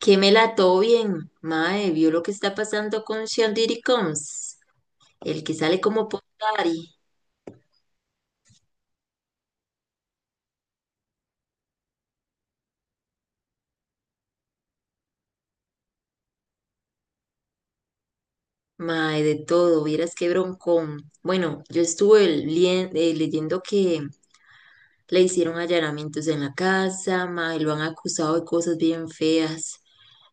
Que me la ató bien, mae, vio lo que está pasando con Sean Diddy Combs, el que sale como Puff Daddy, mae, de todo, vieras qué broncón. Bueno, yo estuve leyendo que le hicieron allanamientos en la casa, mae, lo han acusado de cosas bien feas.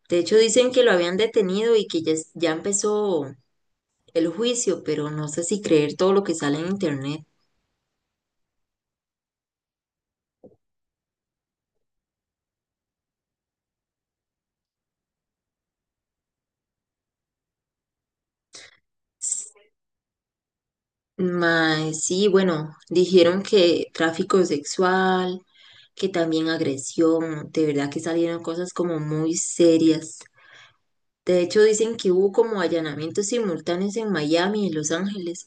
De hecho, dicen que lo habían detenido y que ya, ya empezó el juicio, pero no sé si creer todo lo que sale en internet. Mae, sí, bueno, dijeron que tráfico sexual, que también agresión, de verdad que salieron cosas como muy serias. De hecho, dicen que hubo como allanamientos simultáneos en Miami y Los Ángeles.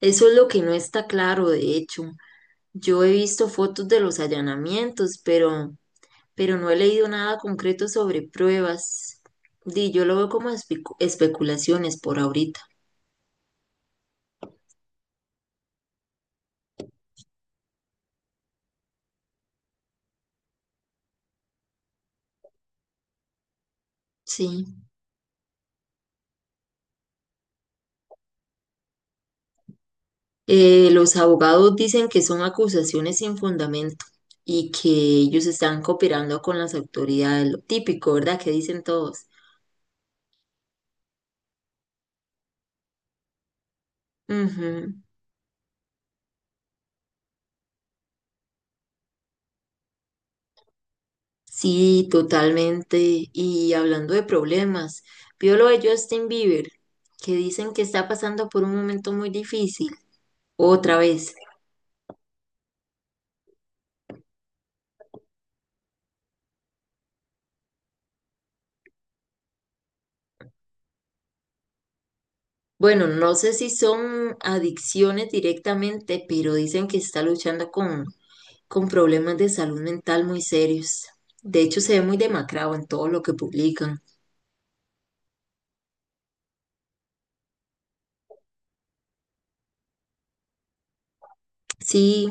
Eso es lo que no está claro, de hecho. Yo he visto fotos de los allanamientos, pero no he leído nada concreto sobre pruebas. Di, yo lo veo como especulaciones por ahorita. Sí. Los abogados dicen que son acusaciones sin fundamento y que ellos están cooperando con las autoridades, lo típico, ¿verdad? Que dicen todos. Ujú. Sí, totalmente. Y hablando de problemas, vio lo de Justin Bieber, que dicen que está pasando por un momento muy difícil, otra vez. Bueno, no sé si son adicciones directamente, pero dicen que está luchando con problemas de salud mental muy serios. De hecho, se ve muy demacrado en todo lo que publican. Sí,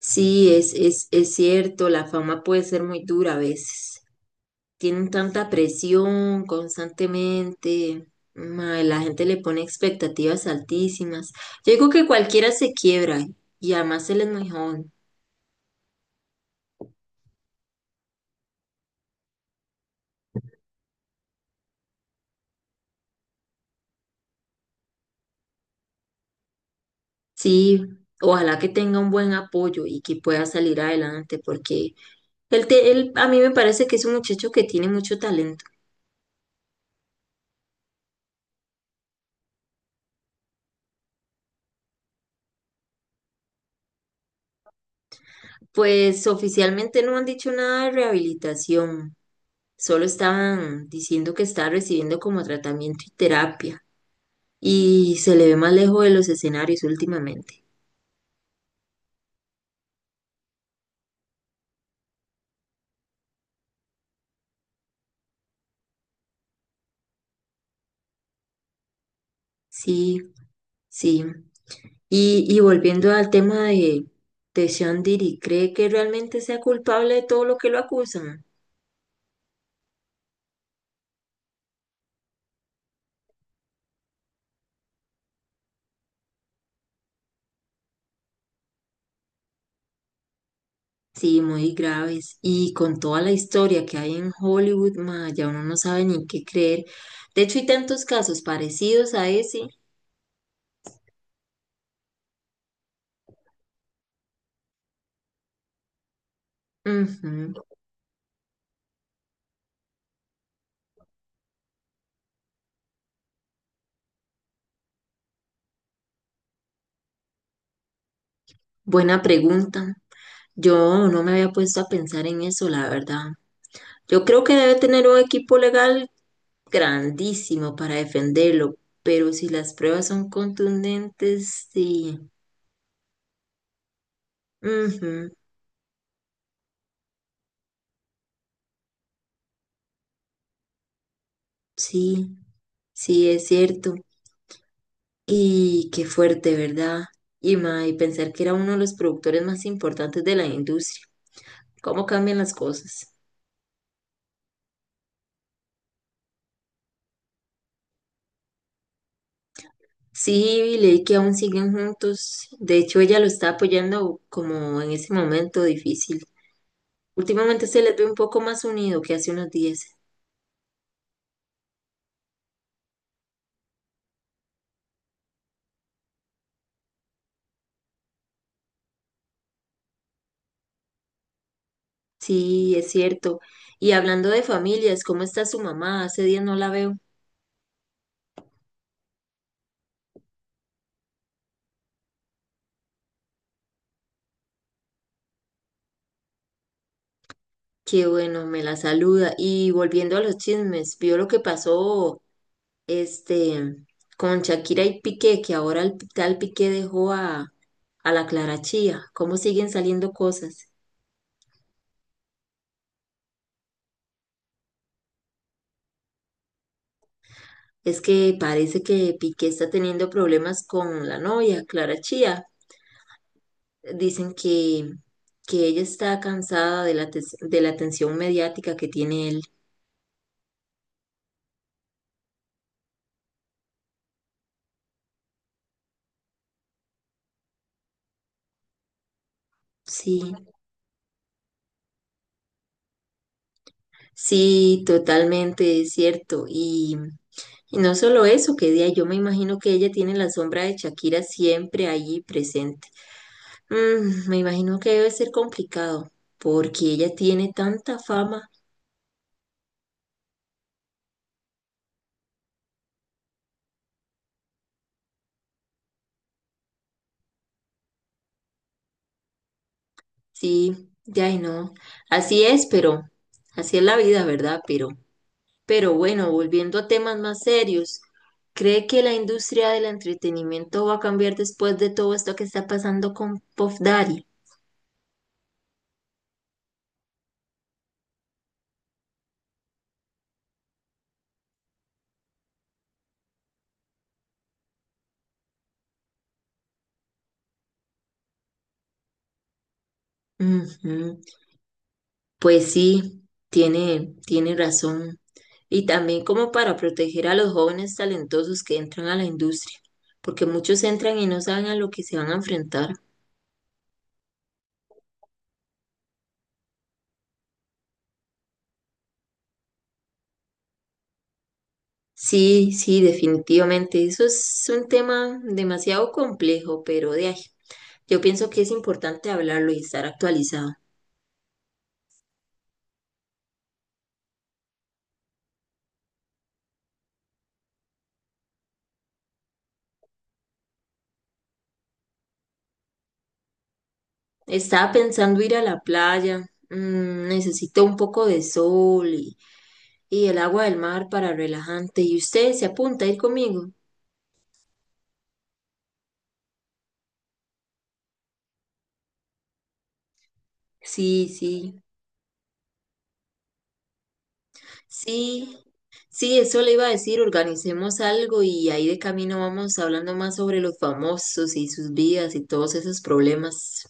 sí, es cierto, la fama puede ser muy dura a veces. Tienen tanta presión constantemente. Mae, la gente le pone expectativas altísimas. Yo digo que cualquiera se quiebra y además él es muy joven. Sí, ojalá que tenga un buen apoyo y que pueda salir adelante porque él a mí me parece que es un muchacho que tiene mucho talento. Pues oficialmente no han dicho nada de rehabilitación, solo estaban diciendo que está recibiendo como tratamiento y terapia y se le ve más lejos de los escenarios últimamente. Sí, sí. Y volviendo al tema de Sean Diddy, ¿cree que realmente sea culpable de todo lo que lo acusan? Sí, muy graves. Y con toda la historia que hay en Hollywood, ma, ya uno no sabe ni qué creer. De hecho, hay tantos casos parecidos a ese. Ujú. Buena pregunta. Yo no me había puesto a pensar en eso, la verdad. Yo creo que debe tener un equipo legal grandísimo para defenderlo, pero si las pruebas son contundentes, sí. Ujú, sí, sí, es cierto. Y qué fuerte, ¿verdad? Y, ma, y pensar que era uno de los productores más importantes de la industria. ¿Cómo cambian las cosas? Sí, leí que aún siguen juntos. De hecho, ella lo está apoyando como en ese momento difícil. Últimamente se les ve un poco más unido que hace unos días. Sí, es cierto. Y hablando de familias, ¿cómo está su mamá? Hace días no la veo. Qué bueno, me la saluda. Y volviendo a los chismes, vio lo que pasó este con Shakira y Piqué, que ahora el tal Piqué dejó a la Clara Chía. ¿Cómo siguen saliendo cosas? Es que parece que Piqué está teniendo problemas con la novia, Clara Chía. Dicen que ella está cansada de de la atención mediática que tiene él. Sí, sí, totalmente es cierto. Y no solo eso, que día yo me imagino que ella tiene la sombra de Shakira siempre allí presente. Me imagino que debe ser complicado, porque ella tiene tanta fama. Sí, ya y no. Así es, pero así es la vida, ¿verdad? Pero bueno, volviendo a temas más serios, ¿cree que la industria del entretenimiento va a cambiar después de todo esto que está pasando con Puff Daddy? Ujú. Pues sí, tiene razón. Y también como para proteger a los jóvenes talentosos que entran a la industria, porque muchos entran y no saben a lo que se van a enfrentar. Sí, sí, definitivamente. Eso es un tema demasiado complejo, pero de ahí. Yo pienso que es importante hablarlo y estar actualizado. Estaba pensando ir a la playa. Necesito un poco de sol y el agua del mar para relajante. ¿Y usted se apunta a ir conmigo? Sí, sí, sí. Sí, eso le iba a decir, organicemos algo y ahí de camino vamos hablando más sobre los famosos y sus vidas y todos esos problemas.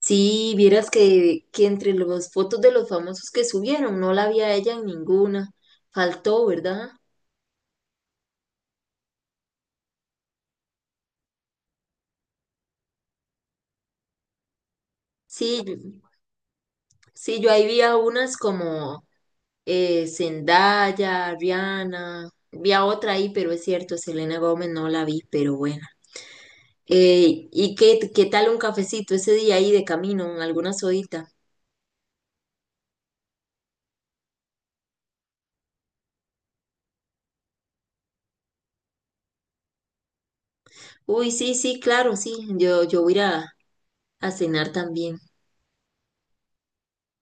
Sí, vieras que entre las fotos de los famosos que subieron, no la vi a ella en ninguna. Faltó, ¿verdad? Sí, yo ahí vi a unas como Zendaya, Rihanna, vi a otra ahí, pero es cierto, Selena Gómez no la vi, pero bueno. ¿Y qué, qué tal un cafecito ese día ahí de camino, alguna sodita? Uy, sí, sí, claro, sí, yo voy a ir a cenar también.